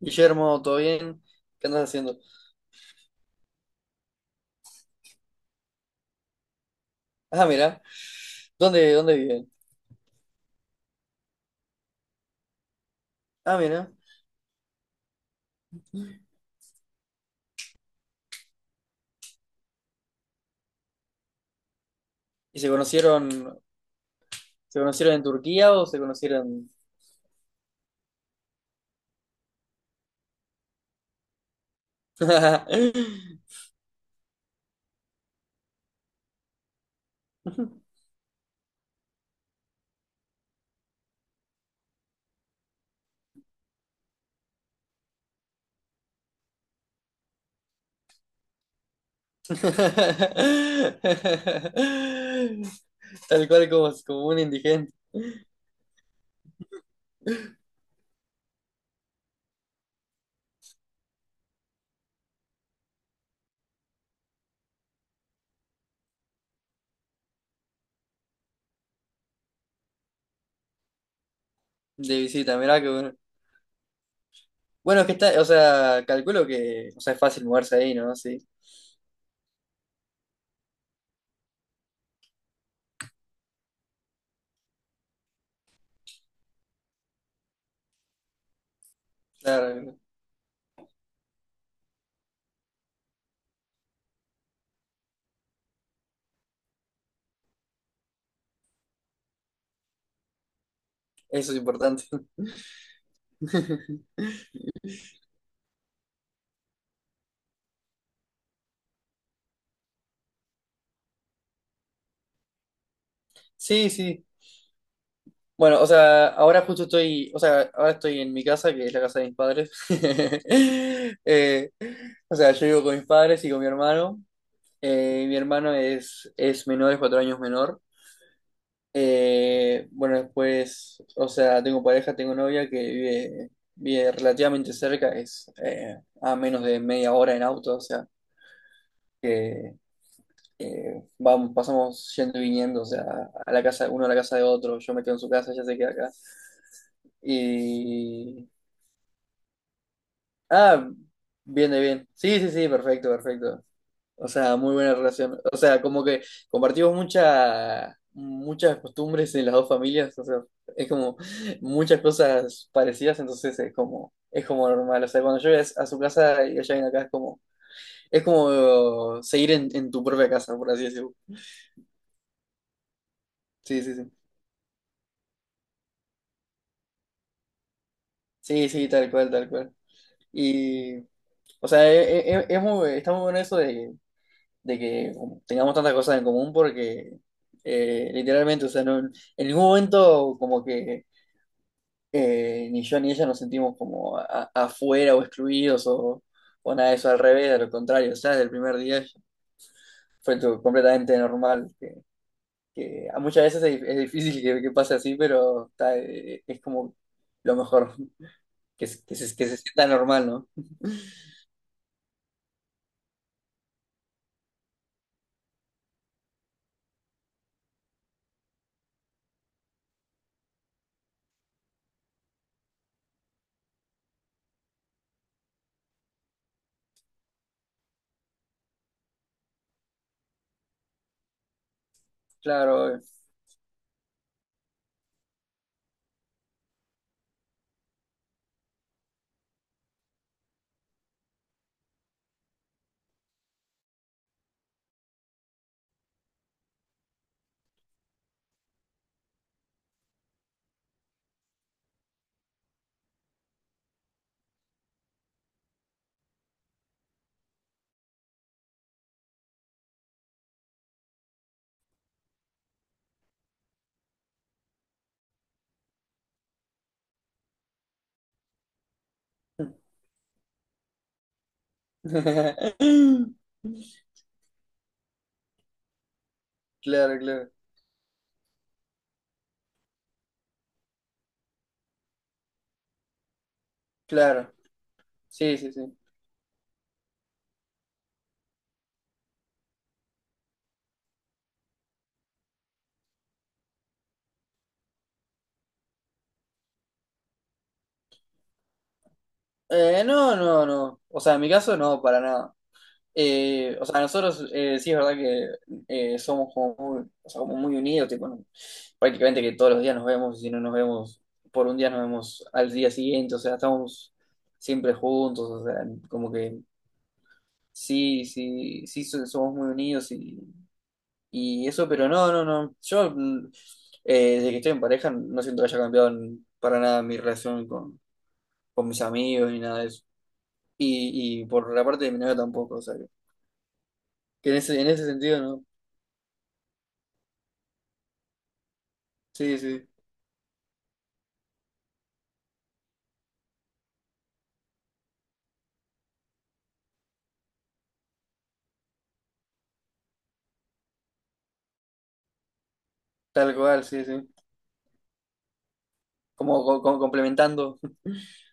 Guillermo, ¿todo bien? ¿Qué andas haciendo? Ah, mira, ¿dónde viven? Ah, mira. ¿Y se conocieron en Turquía o se conocieron? Tal cual, como, como un indigente. De visita, mirá que bueno. Bueno, es que está, o sea, calculo que, o sea, es fácil moverse ahí, ¿no? Sí, claro, eso es importante. Sí, sí. Bueno, o sea, ahora justo estoy, o sea, ahora estoy en mi casa, que es la casa de mis padres. Eh, o sea, yo vivo con mis padres y con mi hermano. Mi hermano es menor, es cuatro años menor. Bueno, después, o sea, tengo pareja, tengo novia que vive, vive relativamente cerca, es a menos de media hora en auto, o sea, vamos, pasamos yendo y viniendo, o sea, a la casa, uno a la casa de otro, yo me quedo en su casa, ella se queda acá. Y... Ah, bien, de bien. Sí, sí, sí, perfecto, perfecto. O sea, muy buena relación. O sea, como que compartimos mucha, muchas costumbres en las dos familias, o sea, es como muchas cosas parecidas, entonces es como normal. O sea, cuando yo voy a su casa y ella viene acá, es como seguir en tu propia casa, por así decirlo. Sí, sí, sí. Sí, sí, tal cual, tal cual. Y, o sea, es, muy, está muy bueno eso de que tengamos tantas cosas en común porque literalmente, o sea, en ningún momento como que ni yo ni ella nos sentimos como afuera o excluidos o nada de eso, al revés, a lo contrario, o sea, desde el primer día fue todo completamente normal, que a muchas veces es difícil que pase así, pero está, es como lo mejor, que, que se sienta normal, ¿no? Claro. Claro, claro, claro. Sí, sí, sí. No, no, no. O sea, en mi caso no, para nada. O sea, nosotros sí es verdad que somos como muy, o sea, como muy unidos, tipo, prácticamente que todos los días nos vemos, y si no nos vemos por un día nos vemos al día siguiente, o sea, estamos siempre juntos, o sea, como que sí, sí, sí somos muy unidos y eso, pero no, no, no. Yo, desde que estoy en pareja, no siento que haya cambiado para nada mi relación con mis amigos ni nada de eso. Y por la parte de mi novia tampoco, o sea, que en ese sentido, ¿no? Sí, sí, tal cual, sí, sí. Como, como complementando.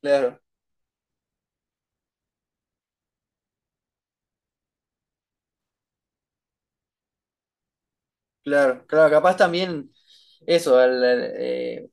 Claro, claro, claro. Capaz también eso, al, al, eh,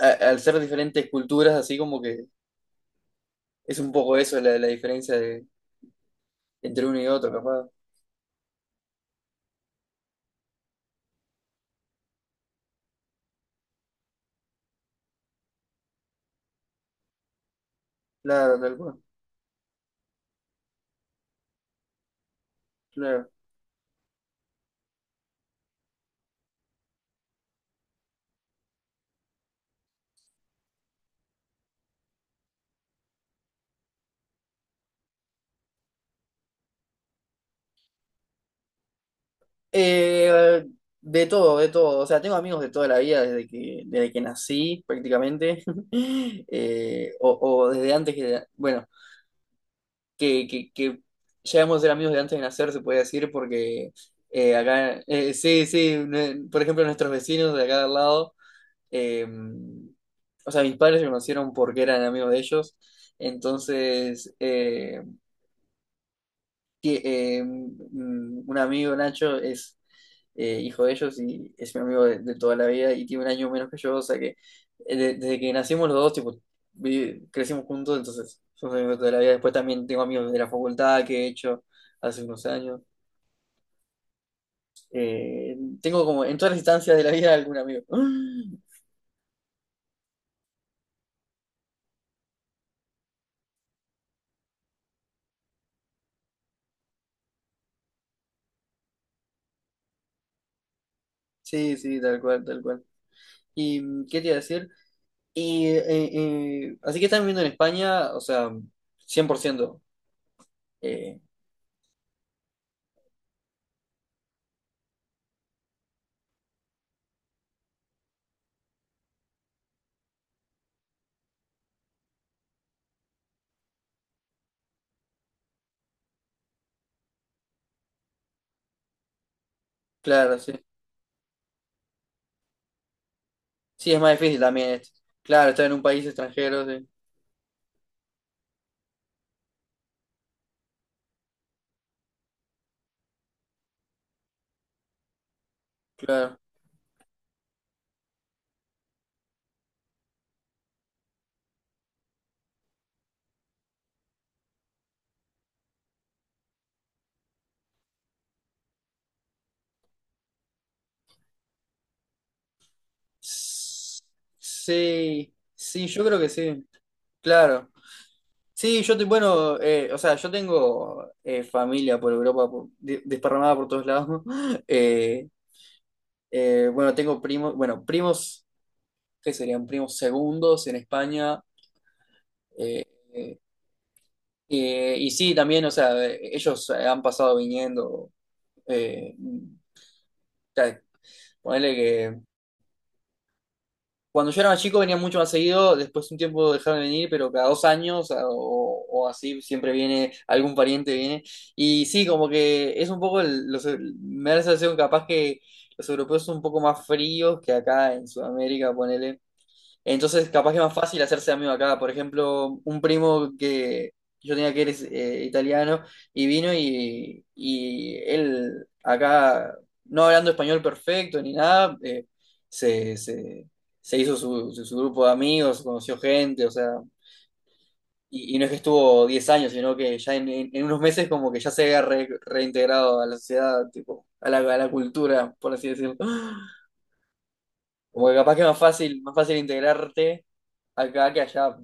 a- al ser diferentes culturas, así como que es un poco eso la, la diferencia de, entre uno y otro, capaz. Claro, tal cual, claro. Eh, de todo, de todo. O sea, tengo amigos de toda la vida, desde que nací prácticamente. O, o desde antes que, bueno, que llegamos a ser amigos de antes de nacer, se puede decir, porque acá, sí, sí, por ejemplo, nuestros vecinos de acá de al lado, eh, o sea, mis padres se conocieron porque eran amigos de ellos, entonces... que un amigo, Nacho, es hijo de ellos y es mi amigo de toda la vida y tiene un año menos que yo, o sea que desde que nacimos los dos, tipo, crecimos juntos, entonces somos amigos de toda la vida. Después también tengo amigos de la facultad que he hecho hace unos años. Eh, Tengo como en todas las instancias de la vida algún amigo. Sí, sí, tal cual, tal cual. ¿Y qué te iba a decir? Y, así que están viviendo en España, o sea, 100%. Eh, claro, sí. Sí, es más difícil también, este. Claro, estar en un país extranjero, sí. Claro. S- Sí, sí, yo creo que sí. Claro. Sí, yo, bueno, o sea, yo tengo familia por Europa, desparramada por todos lados. Eh, bueno, tengo primos, bueno, primos, ¿qué serían? Primos segundos en España. eh, y sí, también, o sea, ellos han pasado viniendo. Eh, ta- Ponele que cuando yo era más chico venía mucho más seguido, después un tiempo dejaron de venir, pero cada dos años o así siempre viene, algún pariente viene. Y sí, como que es un poco, los, me da la sensación capaz que los europeos son un poco más fríos que acá en Sudamérica, ponele. Entonces, capaz que es más fácil hacerse amigo acá. Por ejemplo, un primo que yo tenía que era italiano y vino y él acá, no hablando español perfecto ni nada, se, se- se hizo su, su grupo de amigos, conoció gente, o sea, y no es que estuvo 10 años, sino que ya en, en unos meses como que ya se había reintegrado a la sociedad, tipo, a la cultura, por así decirlo. Como que capaz que es más fácil integrarte acá que allá.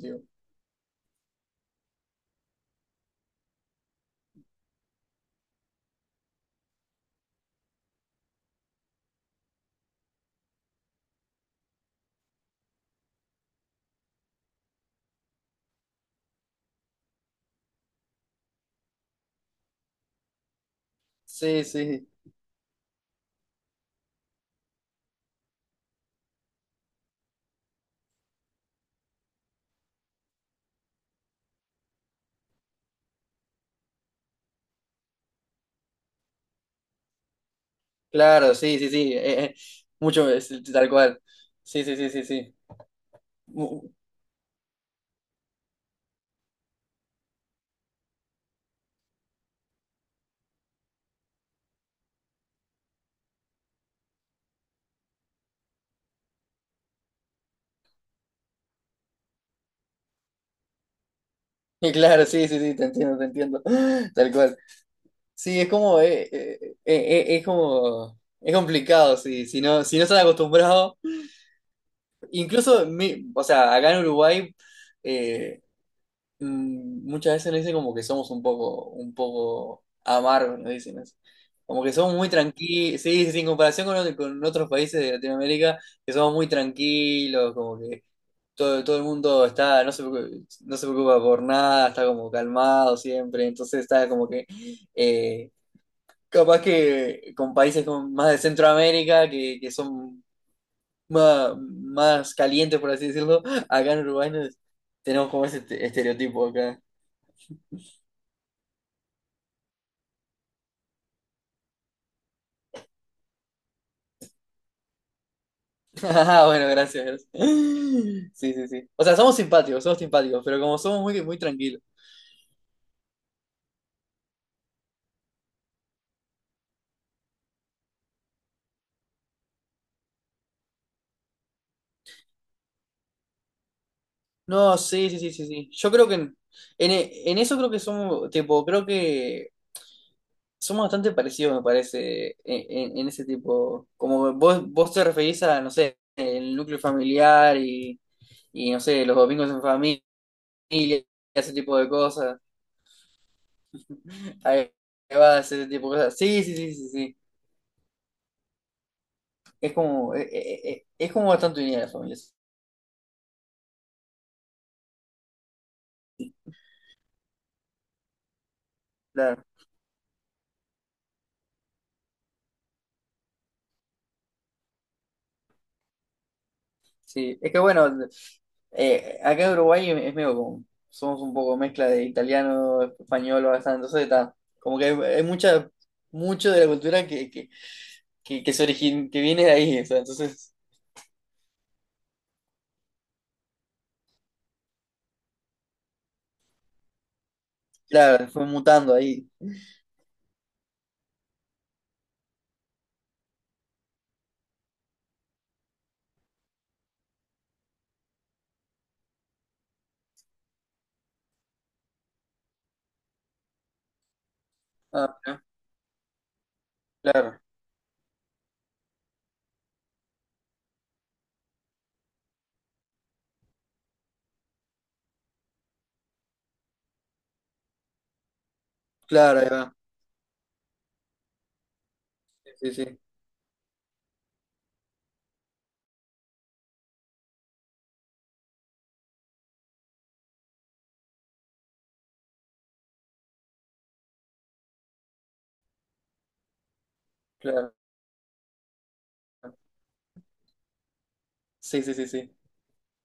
Sí, sí, claro, sí, sí, sí, mucho, es tal cual. Sí, sí, sí, sí, sí. Mu- Y claro, sí, sí, sí, te entiendo, te entiendo. Tal cual. Sí, es como, es como, es complicado, sí, si no, si no estás acostumbrado. Incluso, o sea, acá en Uruguay, eh, muchas veces nos dicen como que somos un poco amargos, nos dicen así. Como que somos muy tranquilos, sí, sí, sí, en comparación con, con otros países de Latinoamérica, que somos muy tranquilos, como que todo, todo el mundo está, no se, no se preocupa por nada, está como calmado siempre, entonces está como que, eh, capaz que con países como más de Centroamérica, que son más, más calientes, por así decirlo, acá en Uruguay tenemos como ese estereotipo acá. Ah, bueno, gracias, gracias. Sí, sí, sí. O sea, somos simpáticos, pero como somos muy, muy tranquilos. No, sí, sí, sí, sí, sí. Yo creo que en, en eso creo que somos, tipo, creo que somos bastante parecidos, me parece, en, en ese tipo. Como vos, vos te referís a, no sé, el núcleo familiar y no sé, los domingos en familia, ese tipo de cosas. Ahí va, ese tipo de cosas. Sí, sí, sí, sí, sí. Es como, es como bastante unida la familia. Sí, claro. Sí, es que bueno, acá en Uruguay es medio como, somos un poco mezcla de italiano, español, bastante, entonces está, como que hay mucha, mucho de la cultura que, que se origin, que viene de ahí, o sea, entonces, claro, fue mutando ahí. Ah, claro, claro, ahí va. Sí, sí, claro. Sí, sí, sí, sí.